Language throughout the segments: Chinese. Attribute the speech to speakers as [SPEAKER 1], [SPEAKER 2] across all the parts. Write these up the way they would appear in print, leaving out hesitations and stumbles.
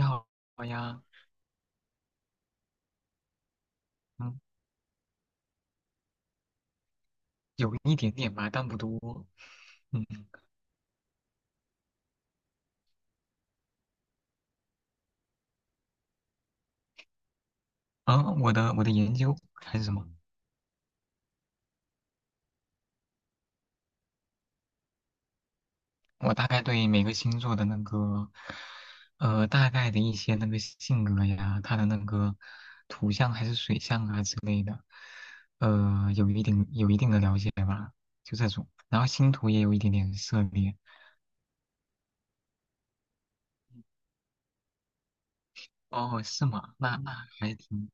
[SPEAKER 1] 你好呀。嗯，有一点点吧，但不多。嗯。啊，我的研究还是什么？我大概对每个星座的那个，大概的一些那个性格呀，它的那个土象还是水象啊之类的，有一定的了解吧，就这种。然后星图也有一点点涉猎。哦，是吗？那还挺，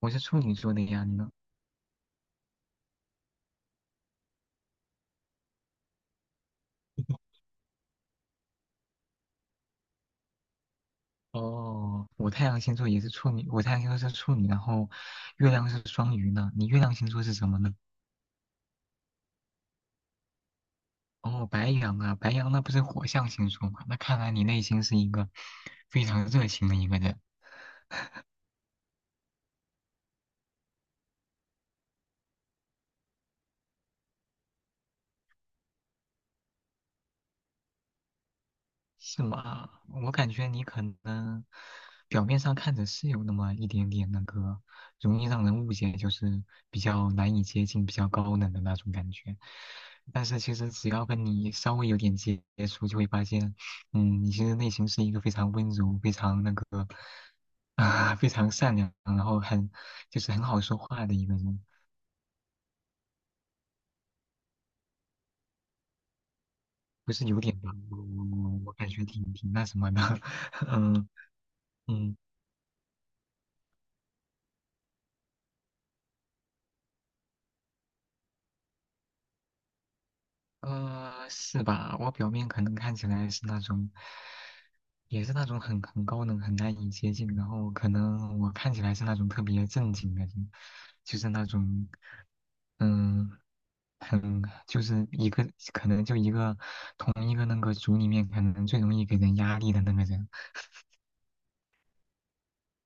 [SPEAKER 1] 我是处女座的呀，你呢？哦，我太阳星座也是处女，我太阳星座是处女，然后月亮是双鱼呢。你月亮星座是什么呢？哦，白羊啊，白羊那不是火象星座吗？那看来你内心是一个非常热情的一个人。是吗？我感觉你可能表面上看着是有那么一点点那个，容易让人误解，就是比较难以接近、比较高冷的那种感觉。但是其实只要跟你稍微有点接触，就会发现，嗯，你其实内心是一个非常温柔、非常那个啊、非常善良，然后很就是很好说话的一个人。不是有点吧？我感觉挺挺那什么的。嗯。嗯。呃，是吧？我表面可能看起来是那种，也是那种很高冷、很难以接近，然后可能我看起来是那种特别正经的人，就是那种，嗯，很就是一个可能就一个同一个那个组里面可能最容易给人压力的那个人，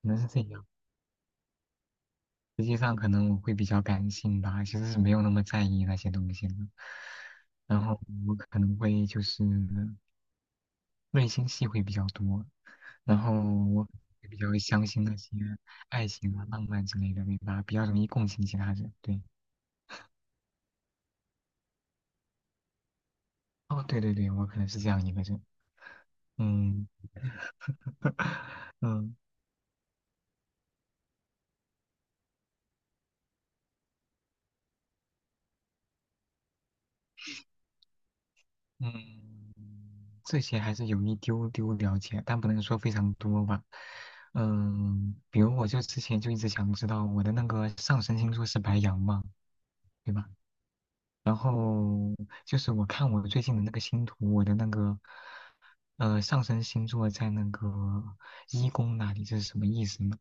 [SPEAKER 1] 可能是这样。实际上，可能我会比较感性吧，其实是没有那么在意那些东西的。然后我可能会就是内心戏会比较多。然后我也比较相信那些爱情啊、浪漫之类的，明白？比较容易共情其他人。对，哦，对对对，我可能是这样一个人。嗯。 嗯。嗯，这些还是有一丢丢了解，但不能说非常多吧。嗯，比如我就之前就一直想知道我的那个上升星座是白羊嘛，对吧？然后就是我看我最近的那个星图，我的那个上升星座在那个一宫那里，这是什么意思呢？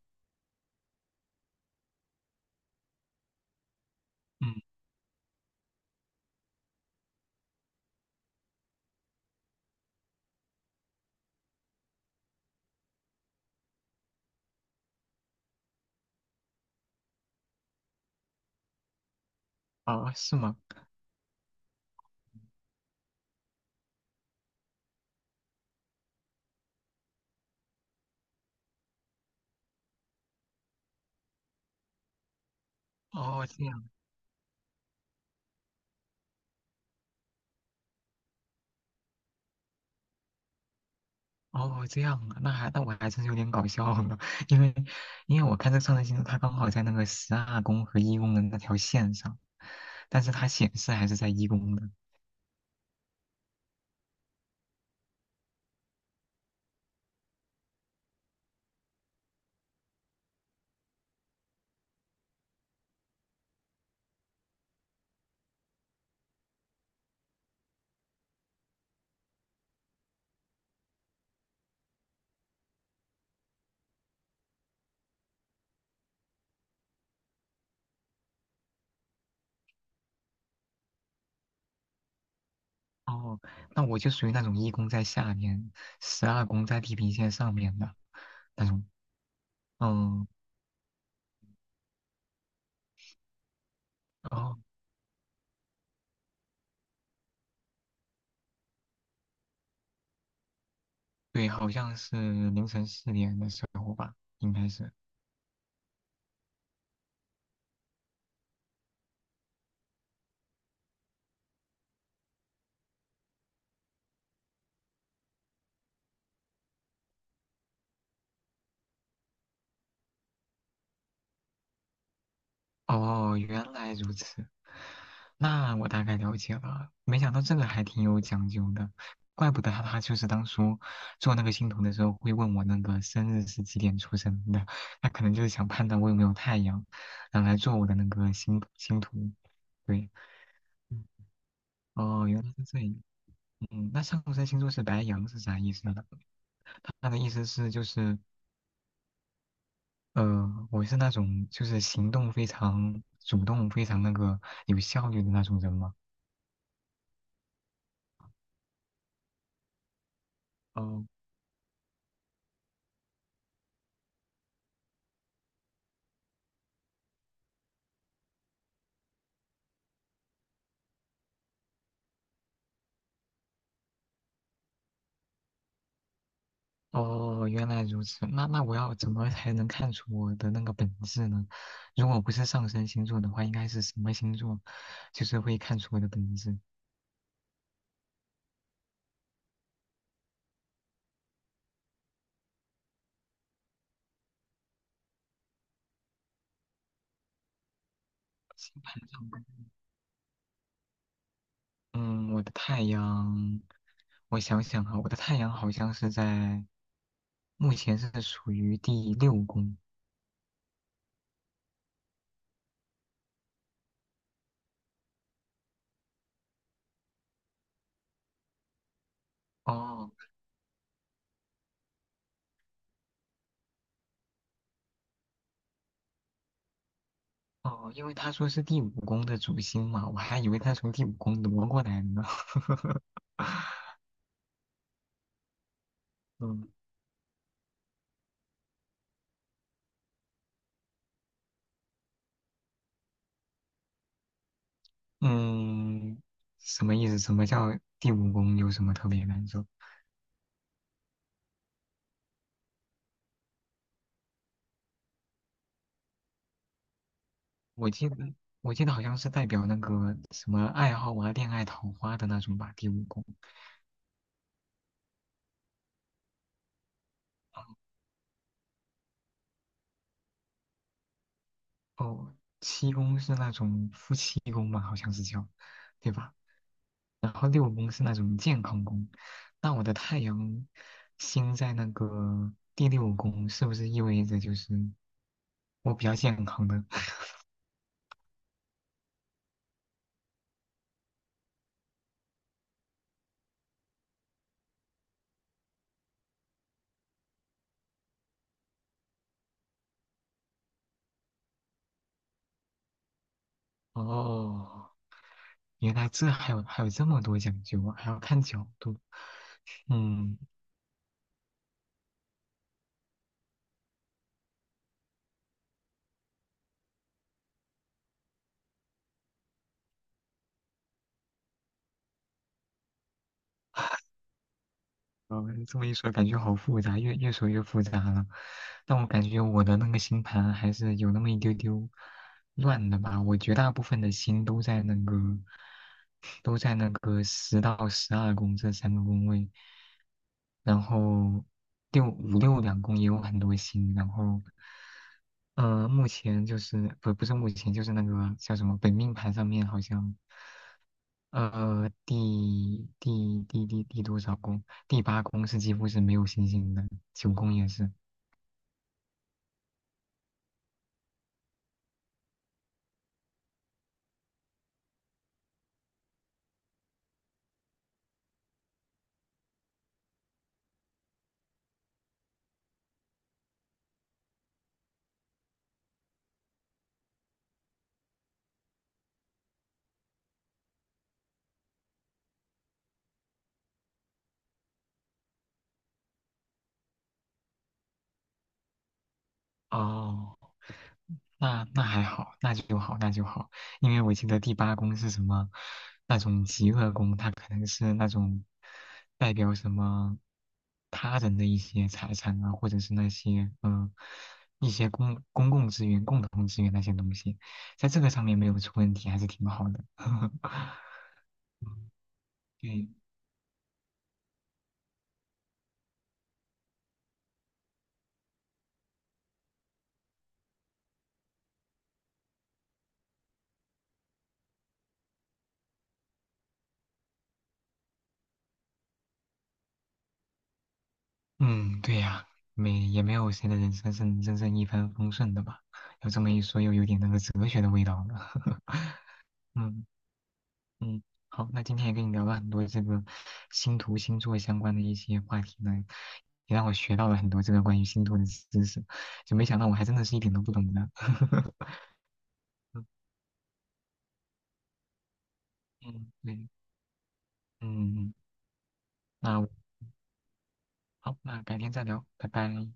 [SPEAKER 1] 嗯。哦，是吗？哦，这样。哦，这样啊，那还那我还真是有点搞笑呢。因为因为我看这个上升星座，它刚好在那个十二宫和一宫的那条线上，但是它显示还是在一宫的。哦，那我就属于那种一宫在下面，十二宫在地平线上面的那种。嗯。哦，对，好像是凌晨4点的时候吧，应该是。哦，原来如此，那我大概了解了。没想到这个还挺有讲究的，怪不得他就是当初做那个星图的时候会问我那个生日是几点出生的，他可能就是想判断我有没有太阳，然后来做我的那个星星图。对。嗯。哦，原来是这样。嗯，那上升星座是白羊是啥意思呢？他的意思是就是。我是那种就是行动非常主动、非常那个有效率的那种人嘛。哦。哦，原来如此。那那我要怎么才能看出我的那个本质呢？如果不是上升星座的话，应该是什么星座，就是会看出我的本质？星盘上的。嗯，我的太阳，我想想哈，我的太阳好像是在目前是属于第六宫。哦。哦，因为他说是第五宫的主星嘛，我还以为他从第五宫挪过来呢。嗯。嗯，什么意思？什么叫第五宫？有什么特别感受？我记得我记得好像是代表那个什么爱好啊、恋爱、桃花的那种吧。第五宫，哦，7宫是那种夫妻宫吧，好像是叫，对吧？然后六宫是那种健康宫，那我的太阳星在那个第六宫，是不是意味着就是我比较健康的？哦，原来这还有还有这么多讲究啊，还要看角度。嗯。嗯，这么一说，感觉好复杂，越说越复杂了。但我感觉我的那个星盘还是有那么一丢丢乱的吧。我绝大部分的星都在那个都在那个10到12宫这3个宫位，然后六五六两宫也有很多星，然后目前就是不是目前就是那个叫什么本命盘上面好像。呃，第多少宫？第八宫是几乎是没有星星的，9宫也是。哦，那那还好，那就好，那就好。因为我记得第八宫是什么，那种极恶宫，它可能是那种代表什么他人的一些财产啊，或者是那些嗯、一些公共资源、共同资源那些东西，在这个上面没有出问题，还是挺好的。嗯。对，嗯，对呀，没也没有谁的人生是真正一帆风顺的吧？有这么一说，又有点那个哲学的味道了。嗯。嗯，好，那今天也跟你聊了很多这个星图星座相关的一些话题呢，也让我学到了很多这个关于星图的知识，就没想到我还真的是一点都不懂呢。嗯。嗯，对，嗯。嗯，那我好，那改天再聊，拜拜。